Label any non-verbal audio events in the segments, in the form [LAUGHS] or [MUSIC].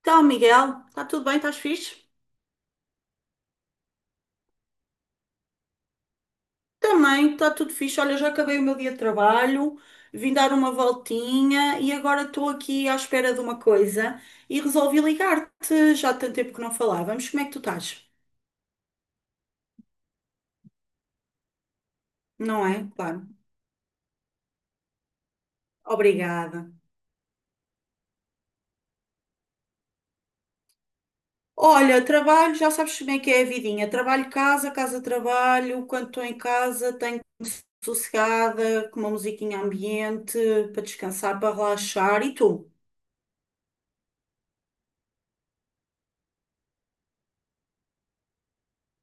Então, Miguel, está tudo bem? Estás fixe? Também, está tudo fixe. Olha, já acabei o meu dia de trabalho, vim dar uma voltinha e agora estou aqui à espera de uma coisa e resolvi ligar-te. Já há tanto tempo que não falávamos. Como é que tu estás? Não é? Claro. Obrigada. Olha, trabalho, já sabes como é que é a vidinha. Trabalho, casa, casa, trabalho. Quando estou em casa, tenho sossegada, com uma musiquinha ambiente, para descansar, para relaxar. E tu?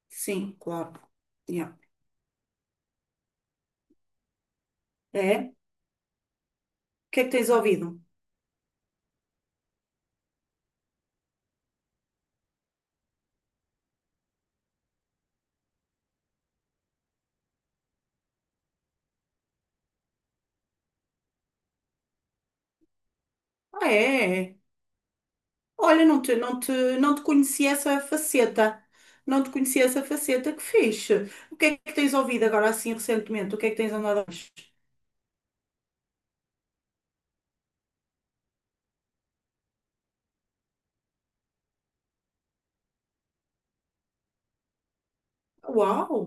Sim, claro. Yeah. É? O que é que tens ouvido? Ah, é? É. Olha, não te conhecia essa faceta. Não te conhecia essa faceta. Que fixe. O que é que tens ouvido agora, assim, recentemente? O que é que tens andado a ouvir? Uau!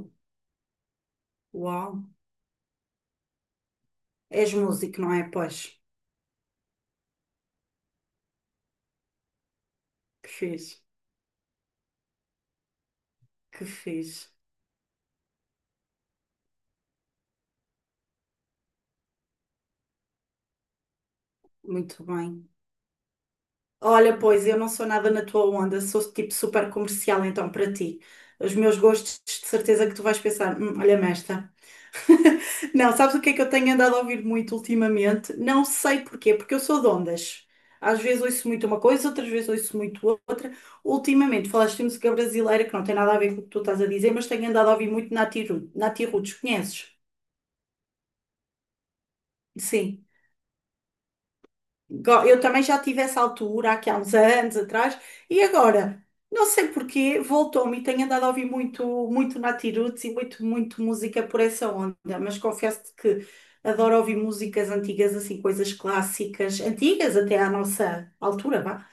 Uau! És músico, não é? Pois. Que fixe. Que fixe. Muito bem. Olha, pois, eu não sou nada na tua onda. Sou tipo super comercial, então, para ti. Os meus gostos, de certeza que tu vais pensar, olha-me esta." [LAUGHS] Não, sabes o que é que eu tenho andado a ouvir muito ultimamente? Não sei porquê, porque eu sou de ondas. Às vezes ouço muito uma coisa, outras vezes ouço muito outra. Ultimamente falaste de música brasileira, que não tem nada a ver com o que tu estás a dizer, mas tenho andado a ouvir muito Nati Roots. Conheces? Sim. Eu também já tive essa altura, aqui há uns anos atrás, e agora, não sei porquê, voltou-me e tenho andado a ouvir muito, muito Nati Roots e muito, muito música por essa onda, mas confesso-te que adoro ouvir músicas antigas, assim, coisas clássicas, antigas até à nossa altura, vá.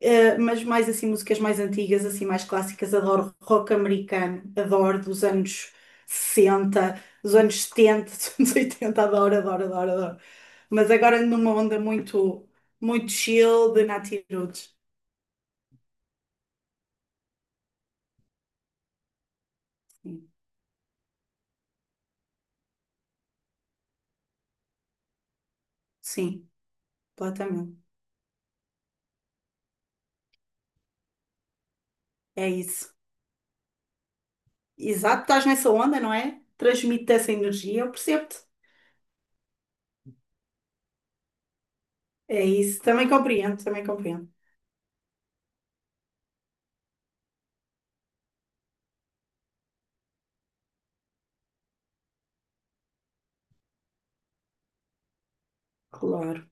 Mas mais assim, músicas mais antigas, assim, mais clássicas, adoro rock americano, adoro dos anos 60 dos anos 70 [LAUGHS] dos anos 80 adoro, adoro, adoro, adoro. Mas agora ando numa onda muito, muito chill de Nati Roots. Sim, sim, completamente. É isso. Exato, estás nessa onda, não é? Transmite essa energia, eu percebo-te. É isso, também compreendo, também compreendo. Claro.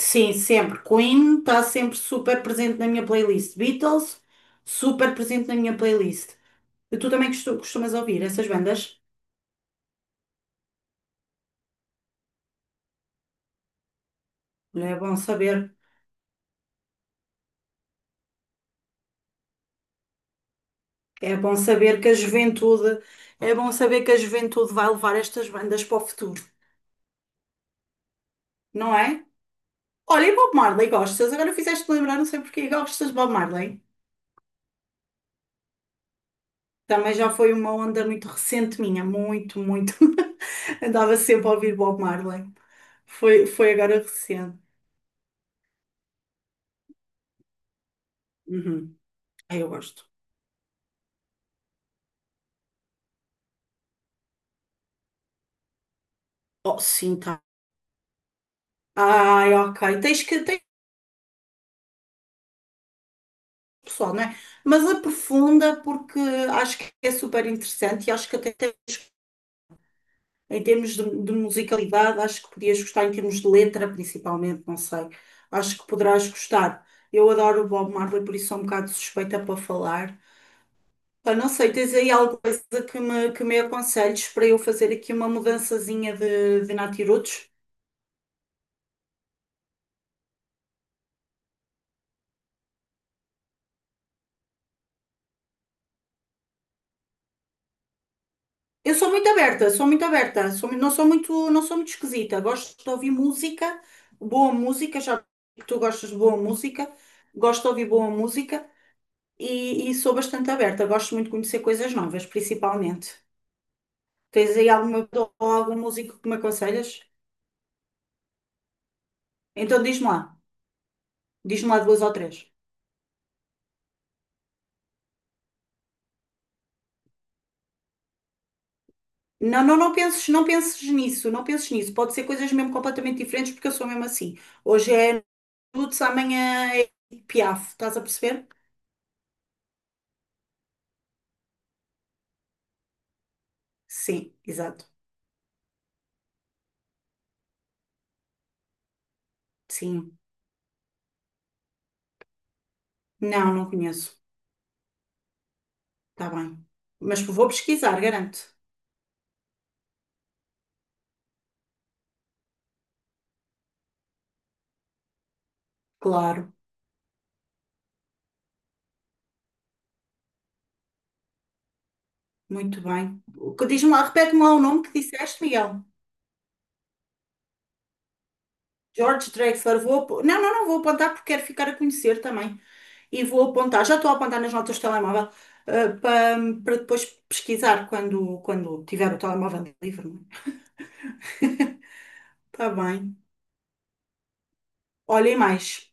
Sim, sempre. Queen está sempre super presente na minha playlist. Beatles, super presente na minha playlist. E tu também costumas ouvir essas bandas? É bom saber. É bom saber que a juventude, É bom saber que a juventude vai levar estas bandas para o futuro, não é? Olha, e Bob Marley, gostas? Agora fizeste lembrar, não sei porquê, gostas de Bob Marley? Também já foi uma onda muito recente minha, muito, muito. [LAUGHS] Andava sempre a ouvir Bob Marley. Foi agora recente. Uhum. Ah, eu gosto. Oh, sim, tá. Ai, ok. Tens pessoal, não é? Mas aprofunda porque acho que é super interessante e acho que até tens, em termos de, musicalidade, acho que podias gostar em termos de letra, principalmente, não sei. Acho que poderás gostar. Eu adoro o Bob Marley, por isso sou um bocado suspeita para falar. Pá, não sei, tens aí alguma coisa que me, aconselhes para eu fazer aqui uma mudançazinha de natirutos? Eu sou muito aberta, não sou muito, não sou muito esquisita. Gosto de ouvir música, boa música, já que tu gostas de boa música, gosto de ouvir boa música e sou bastante aberta. Gosto muito de conhecer coisas novas, principalmente. Tens aí alguma pessoa ou algum músico que me aconselhas? Então diz-me lá duas ou três. Não, não, não penses, não penses nisso, não penses nisso. Pode ser coisas mesmo completamente diferentes, porque eu sou mesmo assim. Hoje é Lutz, amanhã é Piaf, estás a perceber? Sim, exato. Sim. Não, não conheço. Está bem. Mas vou pesquisar, garanto. Claro. Muito bem. O que Diz-me lá, repete-me lá o nome que disseste, Miguel. George Drexler, não, não, não, vou apontar porque quero ficar a conhecer também. E vou apontar, já estou a apontar nas notas do telemóvel, eh, para para depois pesquisar quando, quando tiver o telemóvel livre. Está [LAUGHS] bem. Olhem mais.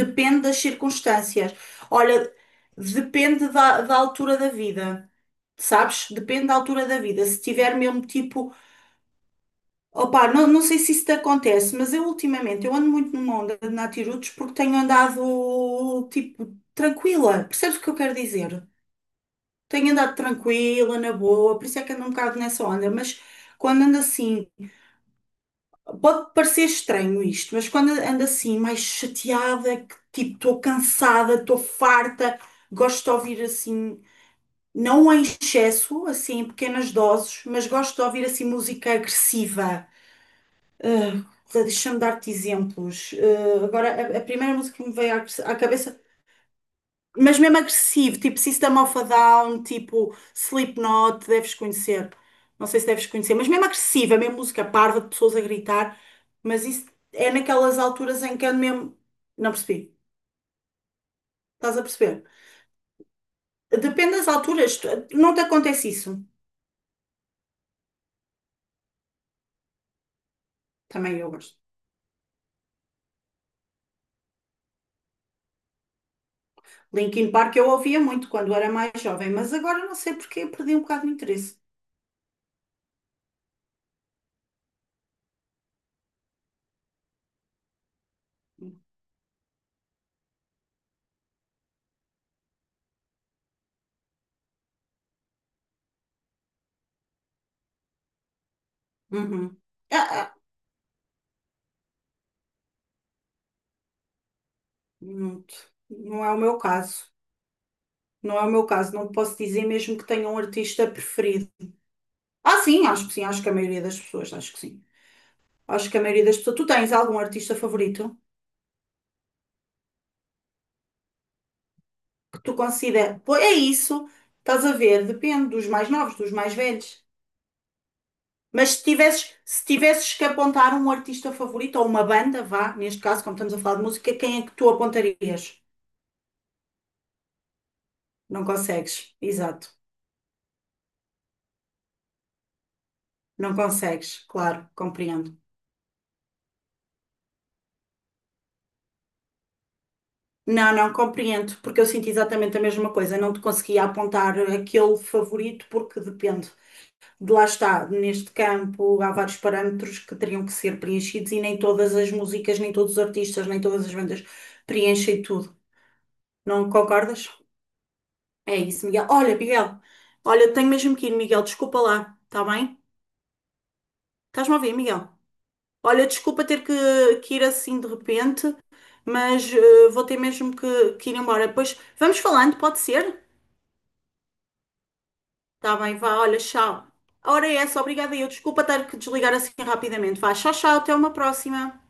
Depende das circunstâncias. Olha, depende da altura da vida, sabes? Depende da altura da vida. Se tiver mesmo tipo, opá, não, não sei se isso te acontece, mas eu ultimamente eu ando muito numa onda de natirutos porque tenho andado tipo tranquila. Percebes o que eu quero dizer? Tenho andado tranquila, na boa, por isso é que ando um bocado nessa onda, mas quando ando assim. Pode parecer estranho isto, mas quando ando assim mais chateada, que tipo, estou cansada, estou farta, gosto de ouvir assim, não em excesso, assim, em pequenas doses, mas gosto de ouvir assim música agressiva. Ah, deixa-me dar-te exemplos. Ah, agora, a primeira música que me veio à cabeça mas mesmo agressivo, tipo System of a Down, tipo Slipknot, deves conhecer. Não sei se deves conhecer, mas mesmo agressiva, mesmo música parva de pessoas a gritar, mas isso é naquelas alturas em que ando mesmo. Não percebi. Estás a perceber? Depende das alturas, não te acontece isso. Também eu gosto. Linkin Park eu ouvia muito quando era mais jovem, mas agora não sei porque perdi um bocado de interesse. Uhum. Ah, não, não é o meu caso. Não é o meu caso. Não posso dizer mesmo que tenho um artista preferido. Ah, sim, acho que a maioria das pessoas, acho que sim. Acho que a maioria das pessoas. Tu tens algum artista favorito que tu considera. Pô, é isso, estás a ver, depende dos mais novos, dos mais velhos. Mas se tivesses que apontar um artista favorito ou uma banda, vá, neste caso, como estamos a falar de música, quem é que tu apontarias? Não consegues, exato. Não consegues, claro, compreendo. Não, não compreendo, porque eu sinto exatamente a mesma coisa. Não te conseguia apontar aquele favorito porque depende. De Lá está, neste campo há vários parâmetros que teriam que ser preenchidos e nem todas as músicas, nem todos os artistas, nem todas as bandas preenchem tudo. Não concordas? É isso, Miguel. Olha, Miguel, olha, tenho mesmo que ir, Miguel, desculpa lá, está bem? Estás-me a ouvir, Miguel? Olha, desculpa ter que ir assim de repente, mas vou ter mesmo que ir embora. Depois vamos falando, pode ser? Está bem, vá, olha, tchau. A hora é essa, obrigada eu. Desculpa ter que desligar assim rapidamente. Vá, tchau, tchau, até uma próxima.